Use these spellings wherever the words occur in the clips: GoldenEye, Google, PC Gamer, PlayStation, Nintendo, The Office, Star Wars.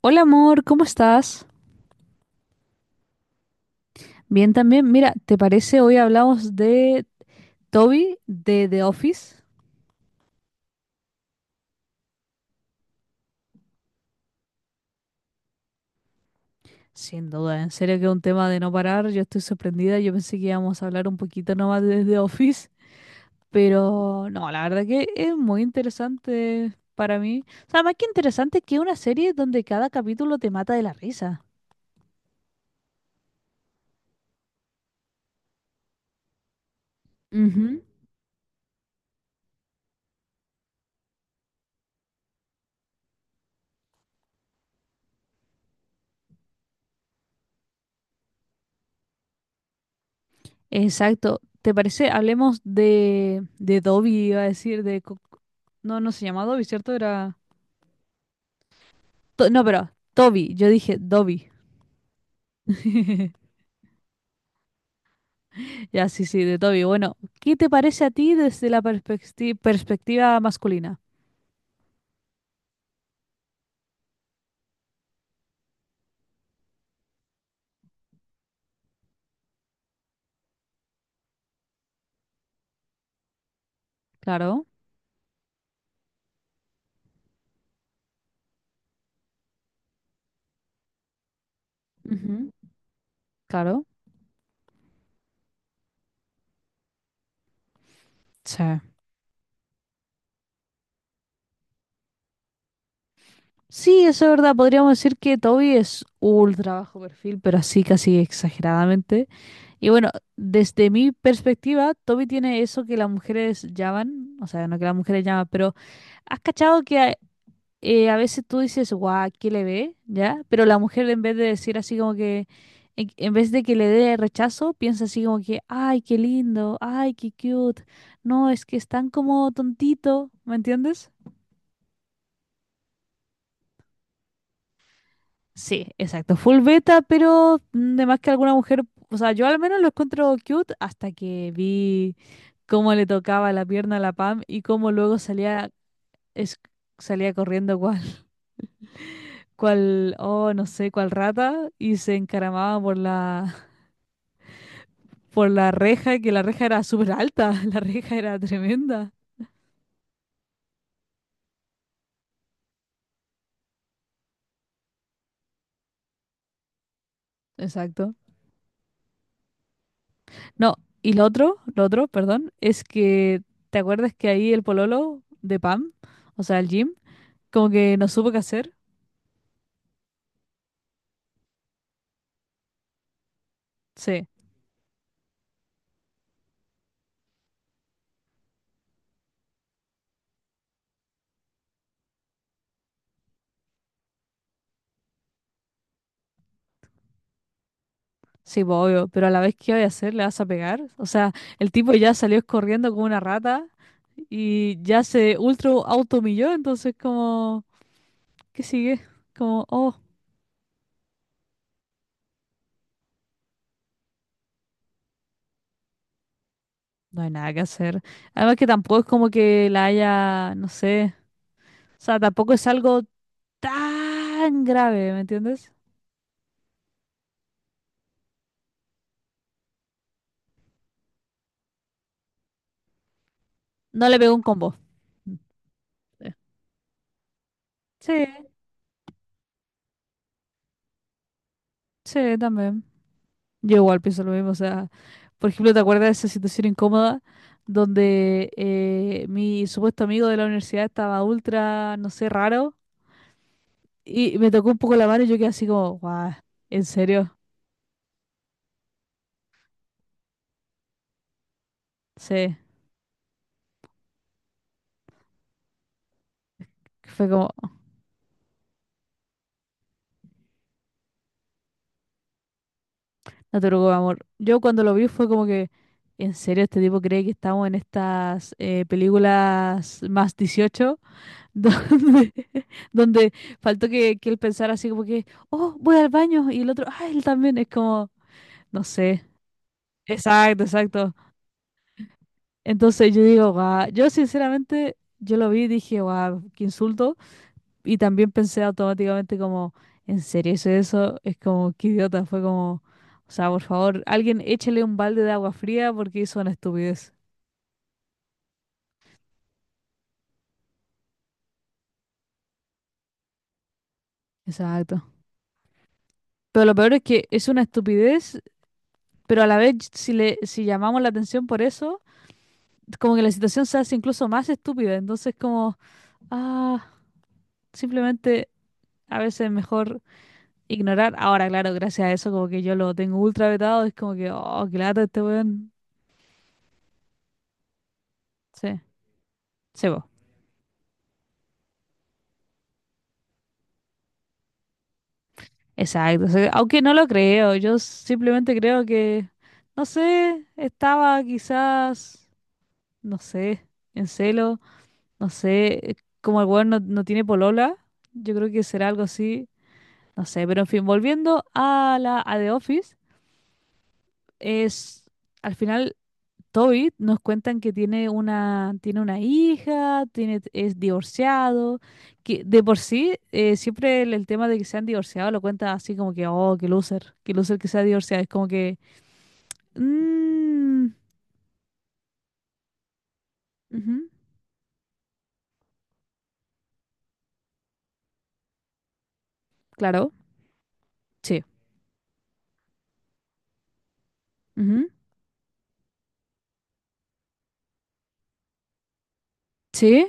Hola amor, ¿cómo estás? Bien también. Mira, ¿te parece hoy hablamos de Toby de The Office? Sin duda, en serio que es un tema de no parar. Yo estoy sorprendida. Yo pensé que íbamos a hablar un poquito nomás de The Office, pero no, la verdad que es muy interesante para mí. O sea, más que interesante que una serie donde cada capítulo te mata de la risa. Ujú. Exacto. ¿Te parece? Hablemos de Dobby, iba a decir, de... Co- No, no se llama Dobby, ¿cierto? Era... To- no, pero Toby, yo dije Dobby. Ya, sí, sí, de Toby. Bueno, ¿qué te parece a ti desde la perspectiva masculina? Claro, ujú, claro. Sí. Sí, eso es verdad. Podríamos decir que Toby es ultra bajo perfil, pero así casi exageradamente. Y bueno, desde mi perspectiva, Toby tiene eso que las mujeres llaman, o sea, no que las mujeres llaman, pero ¿has cachado que hay- a veces tú dices, guau, ¿qué le ve? ¿Ya? Pero la mujer en vez de decir así como que, en vez de que le dé rechazo, piensa así como que, ay, qué lindo, ay, qué cute. No, es que es tan como tontito, ¿me entiendes? Sí, exacto, full beta, pero de más que alguna mujer, o sea, yo al menos lo encuentro cute hasta que vi cómo le tocaba la pierna a la Pam y cómo luego salía, es- salía corriendo igual. Cual, oh, no sé, cual rata, y se encaramaba por la, por la reja, que la reja era súper alta, la reja era tremenda. Exacto. No, y lo otro, perdón, es que, ¿te acuerdas que ahí el pololo de Pam, o sea, el Jim, como que no supo qué hacer? Sí. Sí, pues, obvio, pero a la vez, ¿qué voy a hacer? ¿Le vas a pegar? O sea, el tipo ya salió corriendo como una rata y ya se ultra auto humilló, entonces como, ¿qué sigue? Como, oh, no hay nada que hacer. Además que tampoco es como que la haya, no sé. O sea, tampoco es algo tan grave, ¿me entiendes? No le pegó un combo. Mm, eh. Sí, sí, también. Yo igual pienso lo mismo. O sea, por ejemplo, ¿te acuerdas de esa situación incómoda donde mi supuesto amigo de la universidad estaba ultra, no sé, raro? Y me tocó un poco la mano y yo quedé así como, guau, ¿en serio? Sí. Fue como, no te preocupes, amor. Yo cuando lo vi fue como que, en serio, este tipo cree que estamos en estas películas más 18 donde, donde faltó que él pensara así como que, oh, voy al baño, y el otro, ah, él también, es como, no sé. Exacto, exacto. Entonces yo digo, guau, yo sinceramente, yo lo vi y dije, guau, qué insulto. Y también pensé automáticamente como, ¿en serio hice eso? Es como, qué idiota, fue como, o sea, por favor, alguien échale un balde de agua fría porque hizo una estupidez. Exacto. Pero lo peor es que es una estupidez, pero a la vez si le, si llamamos la atención por eso, como que la situación se hace incluso más estúpida. Entonces como, ah, simplemente a veces es mejor ignorar. Ahora, claro, gracias a eso como que yo lo tengo ultra vetado, es como que, oh, qué lata este weón. Sí, se exacto, o sea, aunque no lo creo, yo simplemente creo que, no sé, estaba quizás, no sé, en celo, no sé, como el weón no, no tiene polola, yo creo que será algo así, no sé, pero en fin, volviendo a la a The Office, es, al final Tobit nos cuentan que tiene una hija, tiene, es divorciado, que de por sí siempre el tema de que se han divorciado lo cuenta así como que, oh, qué loser que se ha divorciado. Es como que, "Mm, ujú, claro, sí, ujú, sí,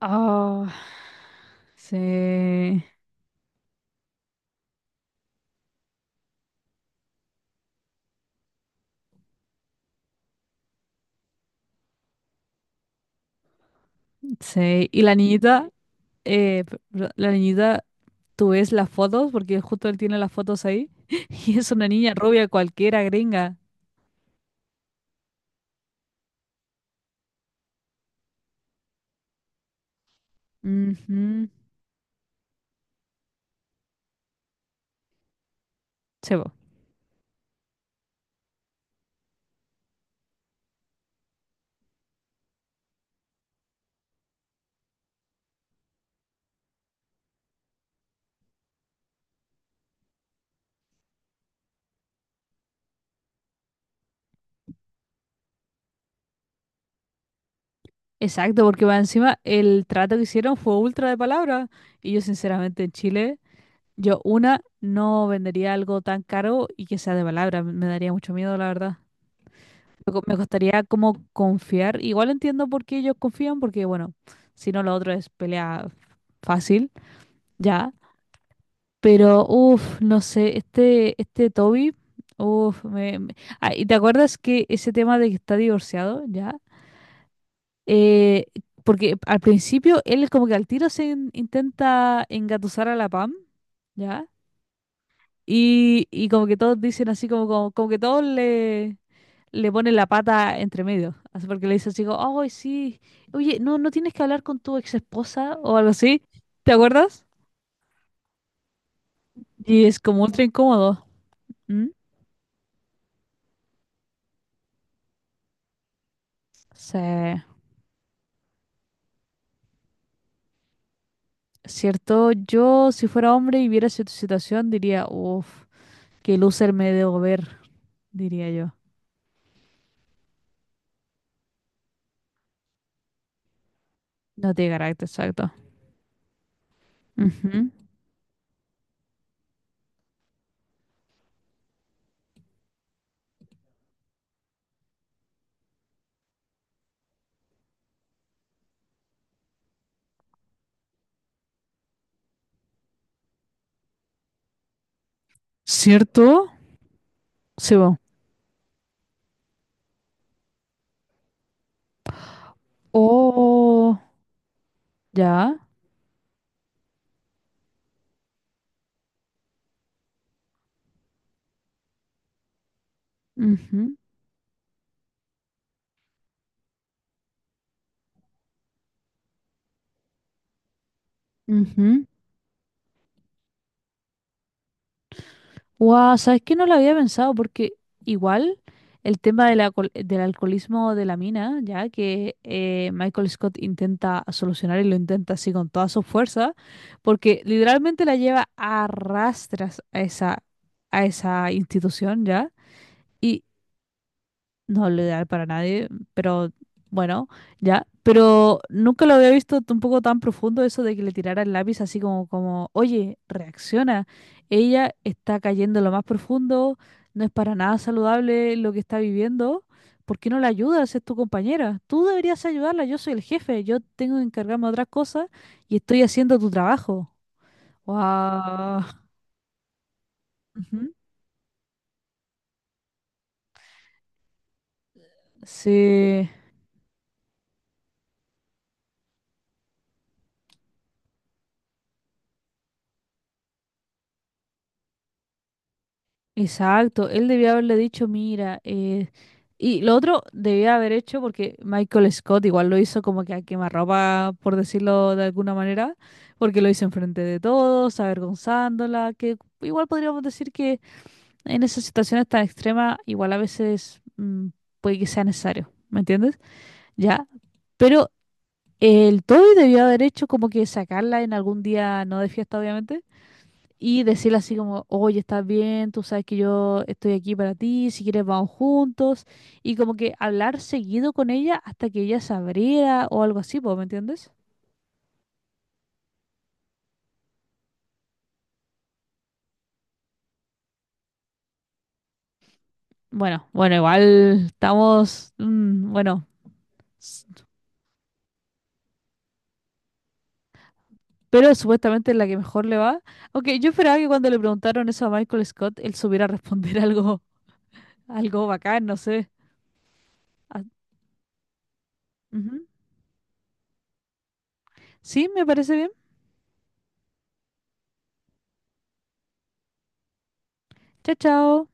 ah, sí, sí. Y la niñita, p- r- la niñita, tú ves las fotos, porque justo él tiene las fotos ahí, y es una niña rubia cualquiera, gringa. Ujú, sí, po. Exacto, porque va encima el trato que hicieron fue ultra de palabra. Y yo, sinceramente, en Chile, yo, una, no vendería algo tan caro y que sea de palabra. Me daría mucho miedo, la verdad. Me co- me costaría como confiar. Igual entiendo por qué ellos confían, porque, bueno, si no, lo otro es pelea fácil, ya. Pero, uff, no sé, este Toby, uff, me- Ah, ¿y te acuerdas que ese tema de que está divorciado, ya? Eh, Porque al principio él como que al tiro se intenta engatusar a la Pam, ¿ya? Y como que todos dicen así, como que todos le, le ponen la pata entre medio. Así porque le dice así, como, ay, sí, oye, no, no tienes que hablar con tu ex esposa o algo así, ¿te acuerdas? Y es como ultra incómodo. ¿Mm? Sí, cierto, yo si fuera hombre y viera esa situación diría, uff, qué loser me debo ver, diría yo. No tiene carácter, exacto. Ujú. ¿Cierto? Sí, va. Oh, ya. Ujú, ujú. Guau, ¿sabes qué? No lo había pensado porque igual el tema del, alcohol- del alcoholismo de la mina, ya que Michael Scott intenta solucionar y lo intenta así con toda su fuerza, porque literalmente la lleva a rastras a esa institución, ¿ya? No lo ideal para nadie, pero bueno, ya. Pero nunca lo había visto tampoco tan profundo eso de que le tirara el lápiz así como, como, oye, reacciona. Ella está cayendo en lo más profundo, no es para nada saludable lo que está viviendo. ¿Por qué no la ayudas? Es tu compañera. Tú deberías ayudarla, yo soy el jefe, yo tengo que encargarme de otras cosas y estoy haciendo tu trabajo. Wow. Sí. Exacto, él debía haberle dicho, mira, y lo otro debía haber hecho, porque Michael Scott igual lo hizo como que a quemarropa, por decirlo de alguna manera, porque lo hizo enfrente de todos, avergonzándola, que igual podríamos decir que en esas situaciones tan extremas, igual a veces puede que sea necesario, ¿me entiendes? Ya, pero el Toby debió haber hecho como que sacarla en algún día, no de fiesta, obviamente y decirle así como, oye, estás bien, tú sabes que yo estoy aquí para ti, si quieres vamos juntos, y como que hablar seguido con ella hasta que ella se abriera o algo así, po, ¿me entiendes? Bueno, bueno, igual estamos, bueno, s- pero supuestamente es la que mejor le va. Aunque yo esperaba que cuando le preguntaron eso a Michael Scott, él supiera responder algo, algo bacán, no sé. Ah, ujú. Sí, me parece bien. Chao, chao.